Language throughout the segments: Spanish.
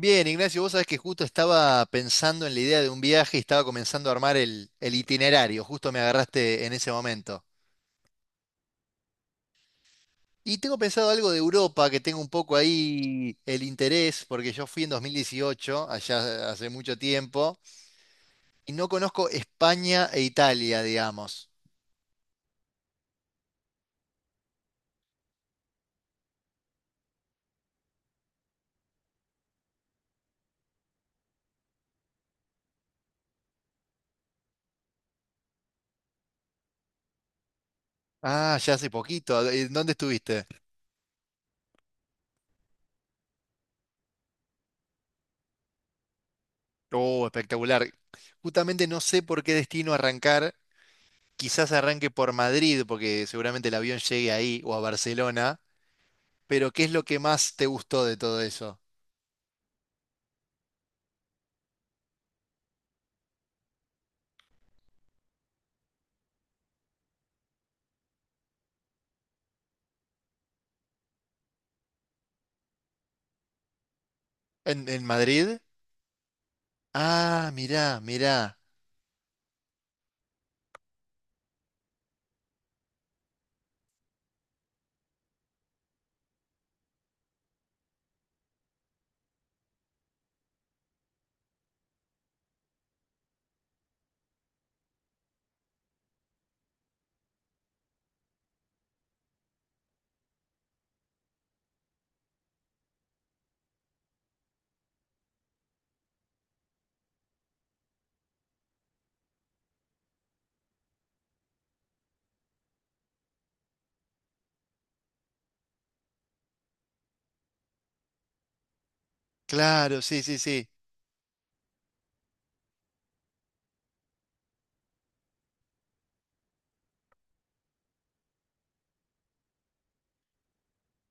Bien, Ignacio, vos sabés que justo estaba pensando en la idea de un viaje y estaba comenzando a armar el itinerario, justo me agarraste en ese momento. Y tengo pensado algo de Europa, que tengo un poco ahí el interés, porque yo fui en 2018, allá hace mucho tiempo, y no conozco España e Italia, digamos. Ah, ya hace poquito. ¿En ¿Dónde estuviste? Oh, espectacular. Justamente no sé por qué destino arrancar. Quizás arranque por Madrid, porque seguramente el avión llegue ahí o a Barcelona. Pero ¿qué es lo que más te gustó de todo eso? ¿En Madrid? Ah, mirá, mirá. Claro, sí, sí, sí.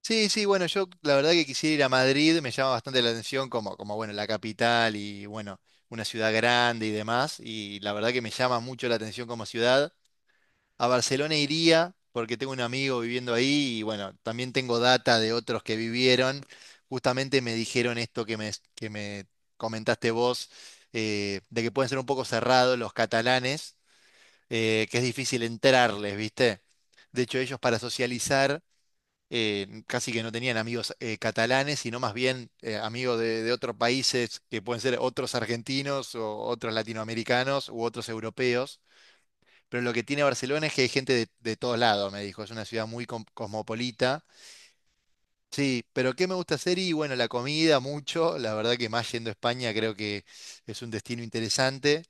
Sí, sí, bueno, yo la verdad que quisiera ir a Madrid, me llama bastante la atención como, como bueno, la capital y bueno, una ciudad grande y demás, y la verdad que me llama mucho la atención como ciudad. A Barcelona iría porque tengo un amigo viviendo ahí y bueno, también tengo data de otros que vivieron. Justamente me dijeron esto que me comentaste vos, de que pueden ser un poco cerrados los catalanes, que es difícil entrarles, ¿viste? De hecho, ellos para socializar casi que no tenían amigos catalanes, sino más bien amigos de otros países que pueden ser otros argentinos o otros latinoamericanos u otros europeos. Pero lo que tiene Barcelona es que hay gente de todos lados, me dijo. Es una ciudad muy cosmopolita. Sí, pero ¿qué me gusta hacer? Y bueno, la comida mucho. La verdad que más yendo a España creo que es un destino interesante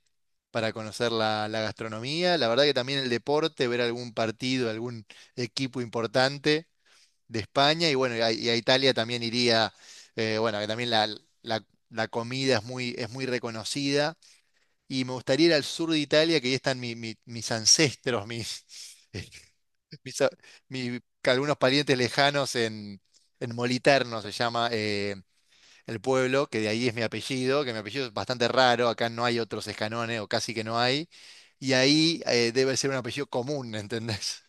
para conocer la gastronomía. La verdad que también el deporte, ver algún partido, algún equipo importante de España. Y bueno, y a Italia también iría, bueno, que también la- la comida es muy reconocida. Y me gustaría ir al sur de Italia, que ahí están mis ancestros, mis... mis, a- que algunos parientes lejanos en Moliterno se llama el pueblo, que de ahí es mi apellido, que mi apellido es bastante raro, acá no hay otros escanones o casi que no hay, y ahí debe ser un apellido común, ¿entendés?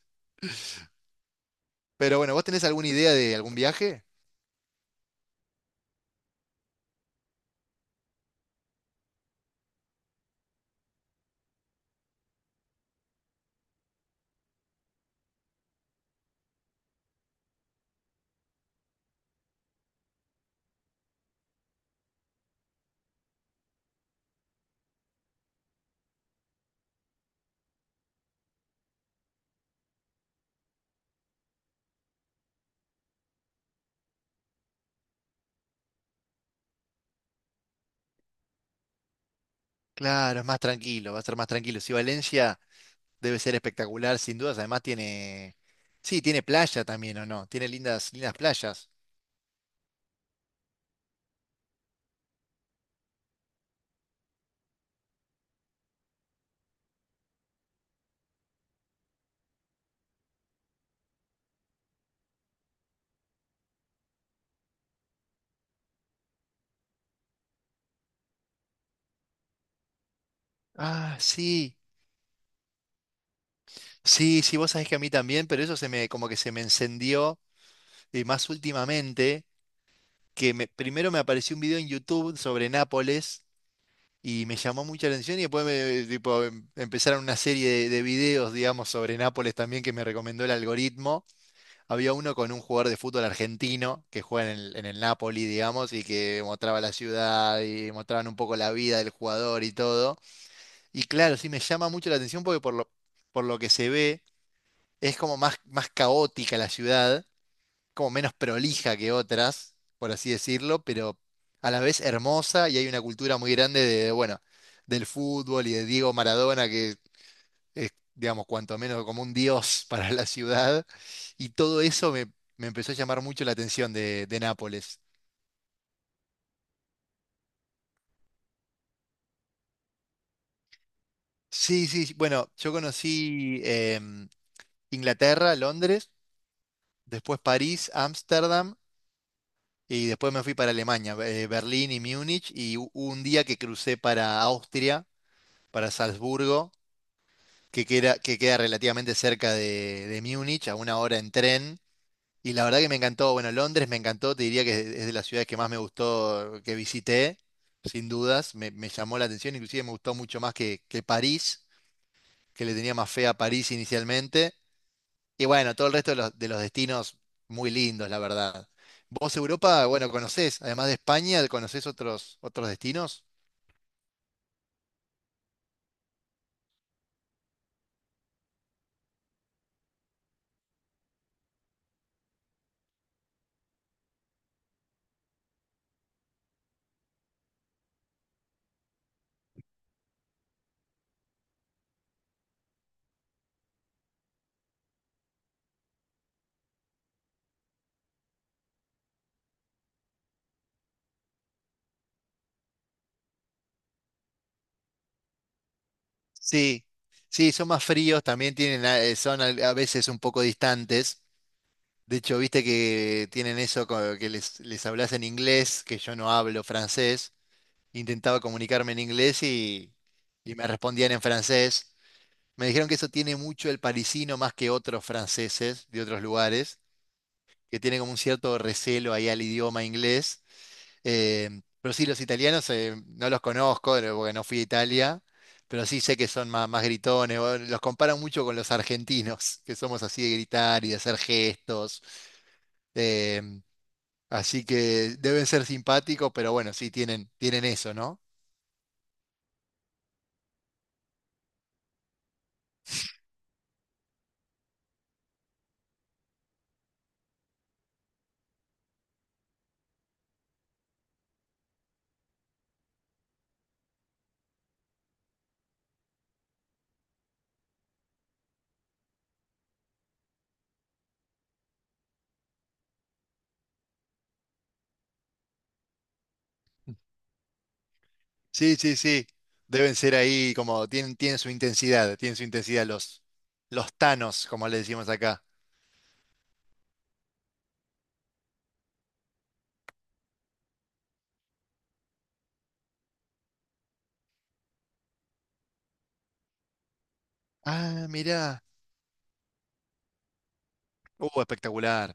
Pero bueno, ¿vos tenés alguna idea de algún viaje? Claro, es más tranquilo, va a ser más tranquilo. Si Valencia debe ser espectacular, sin dudas, además tiene... Sí, tiene playa también, ¿o no? Tiene lindas, lindas playas. Ah, sí. Sí, sí, vos sabés que a mí también, pero eso se me, como que se me encendió más últimamente, primero me apareció un video en YouTube sobre Nápoles y me llamó mucha atención y después me, tipo, empezaron una serie de videos, digamos, sobre Nápoles también que me recomendó el algoritmo. Había uno con un jugador de fútbol argentino que juega en el Napoli, digamos, y que mostraba la ciudad y mostraban un poco la vida del jugador y todo. Y claro, sí me llama mucho la atención porque por lo que se ve. Es como más, más caótica la ciudad, como menos prolija que otras, por así decirlo, pero a la vez hermosa y hay una cultura muy grande de, bueno, del fútbol y de Diego Maradona, que es, digamos, cuanto menos como un dios para la ciudad. Y todo eso me, me empezó a llamar mucho la atención de Nápoles. Sí, sí, sí, bueno, yo conocí Inglaterra, Londres, después París, Ámsterdam. Y después me fui para Alemania, Berlín y Múnich, y hubo un día que crucé para Austria, para Salzburgo, que queda relativamente cerca de Múnich, a una hora en tren. Y la verdad que me encantó, bueno, Londres me encantó, te diría que es de las ciudades que más me gustó que visité, sin dudas, me llamó la atención, inclusive me gustó mucho más que París, que le tenía más fe a París inicialmente. Y bueno, todo el resto de los destinos muy lindos, la verdad. ¿Vos Europa, bueno, conocés, además de España, conocés otros, otros destinos? Sí, sí, son más fríos, también tienen, son a veces un poco distantes. De hecho, viste que tienen eso, que les hablas en inglés, que yo no hablo francés. Intentaba comunicarme en inglés y me respondían en francés. Me dijeron que eso tiene mucho el parisino más que otros franceses de otros lugares que tiene como un cierto recelo ahí al idioma inglés. Eh, pero sí, los italianos no los conozco porque no fui a Italia, pero sí sé que son más, más gritones. O los comparan mucho con los argentinos, que somos así de gritar y de hacer gestos. eh, Así que deben ser simpáticos, pero bueno, sí, tienen, tienen eso, ¿no? Sí, sí, sí. Deben ser ahí como, tienen, tienen su intensidad los tanos, como le decimos acá. Ah, mirá. Espectacular.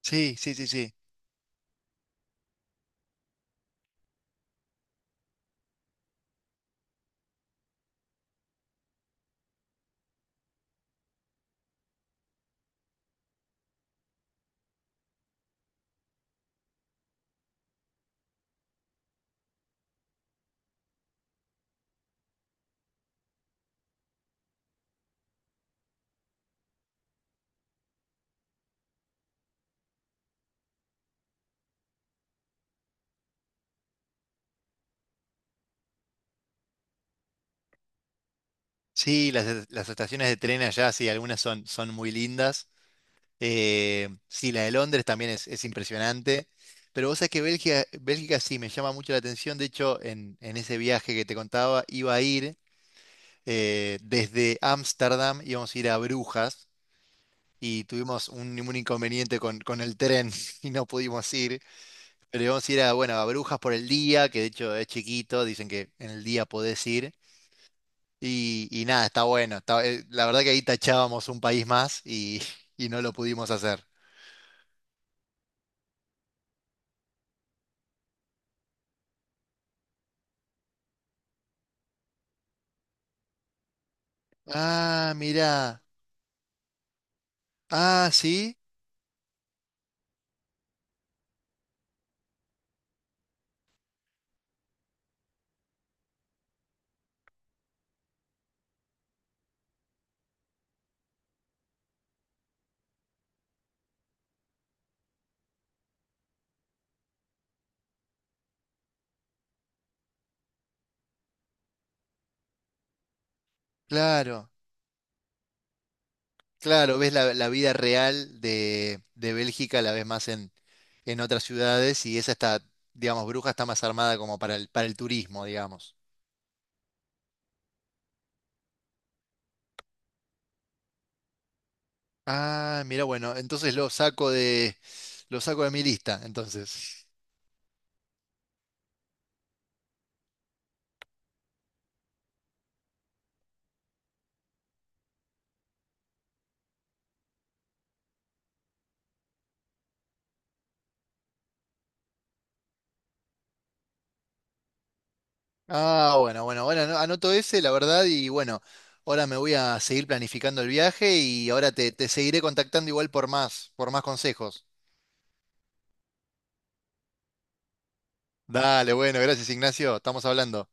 Sí, sí, sí, sí. Sí, las estaciones de tren allá, sí, algunas son, son muy lindas. Sí, la de Londres también es impresionante. Pero vos sabés que Bélgica, Bélgica sí me llama mucho la atención. De hecho, en ese viaje que te contaba, iba a ir desde Ámsterdam, íbamos a ir a Brujas y tuvimos un inconveniente con el tren y no pudimos ir. Pero íbamos a ir a, bueno, a Brujas por el día, que de hecho es chiquito, dicen que en el día podés ir. Y nada, está bueno. La verdad que ahí tachábamos un país más y, y no lo pudimos hacer. Ah, mirá. Ah, sí, claro. Claro, ves la vida real de Bélgica, la ves más en otras ciudades y esa está, digamos, Bruja está más armada como para el turismo, digamos. Ah, mira, bueno, entonces lo saco de mi lista, entonces. Ah, bueno, bueno, bueno, anoto ese, la verdad, y bueno, ahora me voy a seguir planificando el viaje y ahora te, te seguiré contactando igual por más consejos. Dale, bueno, gracias Ignacio, estamos hablando.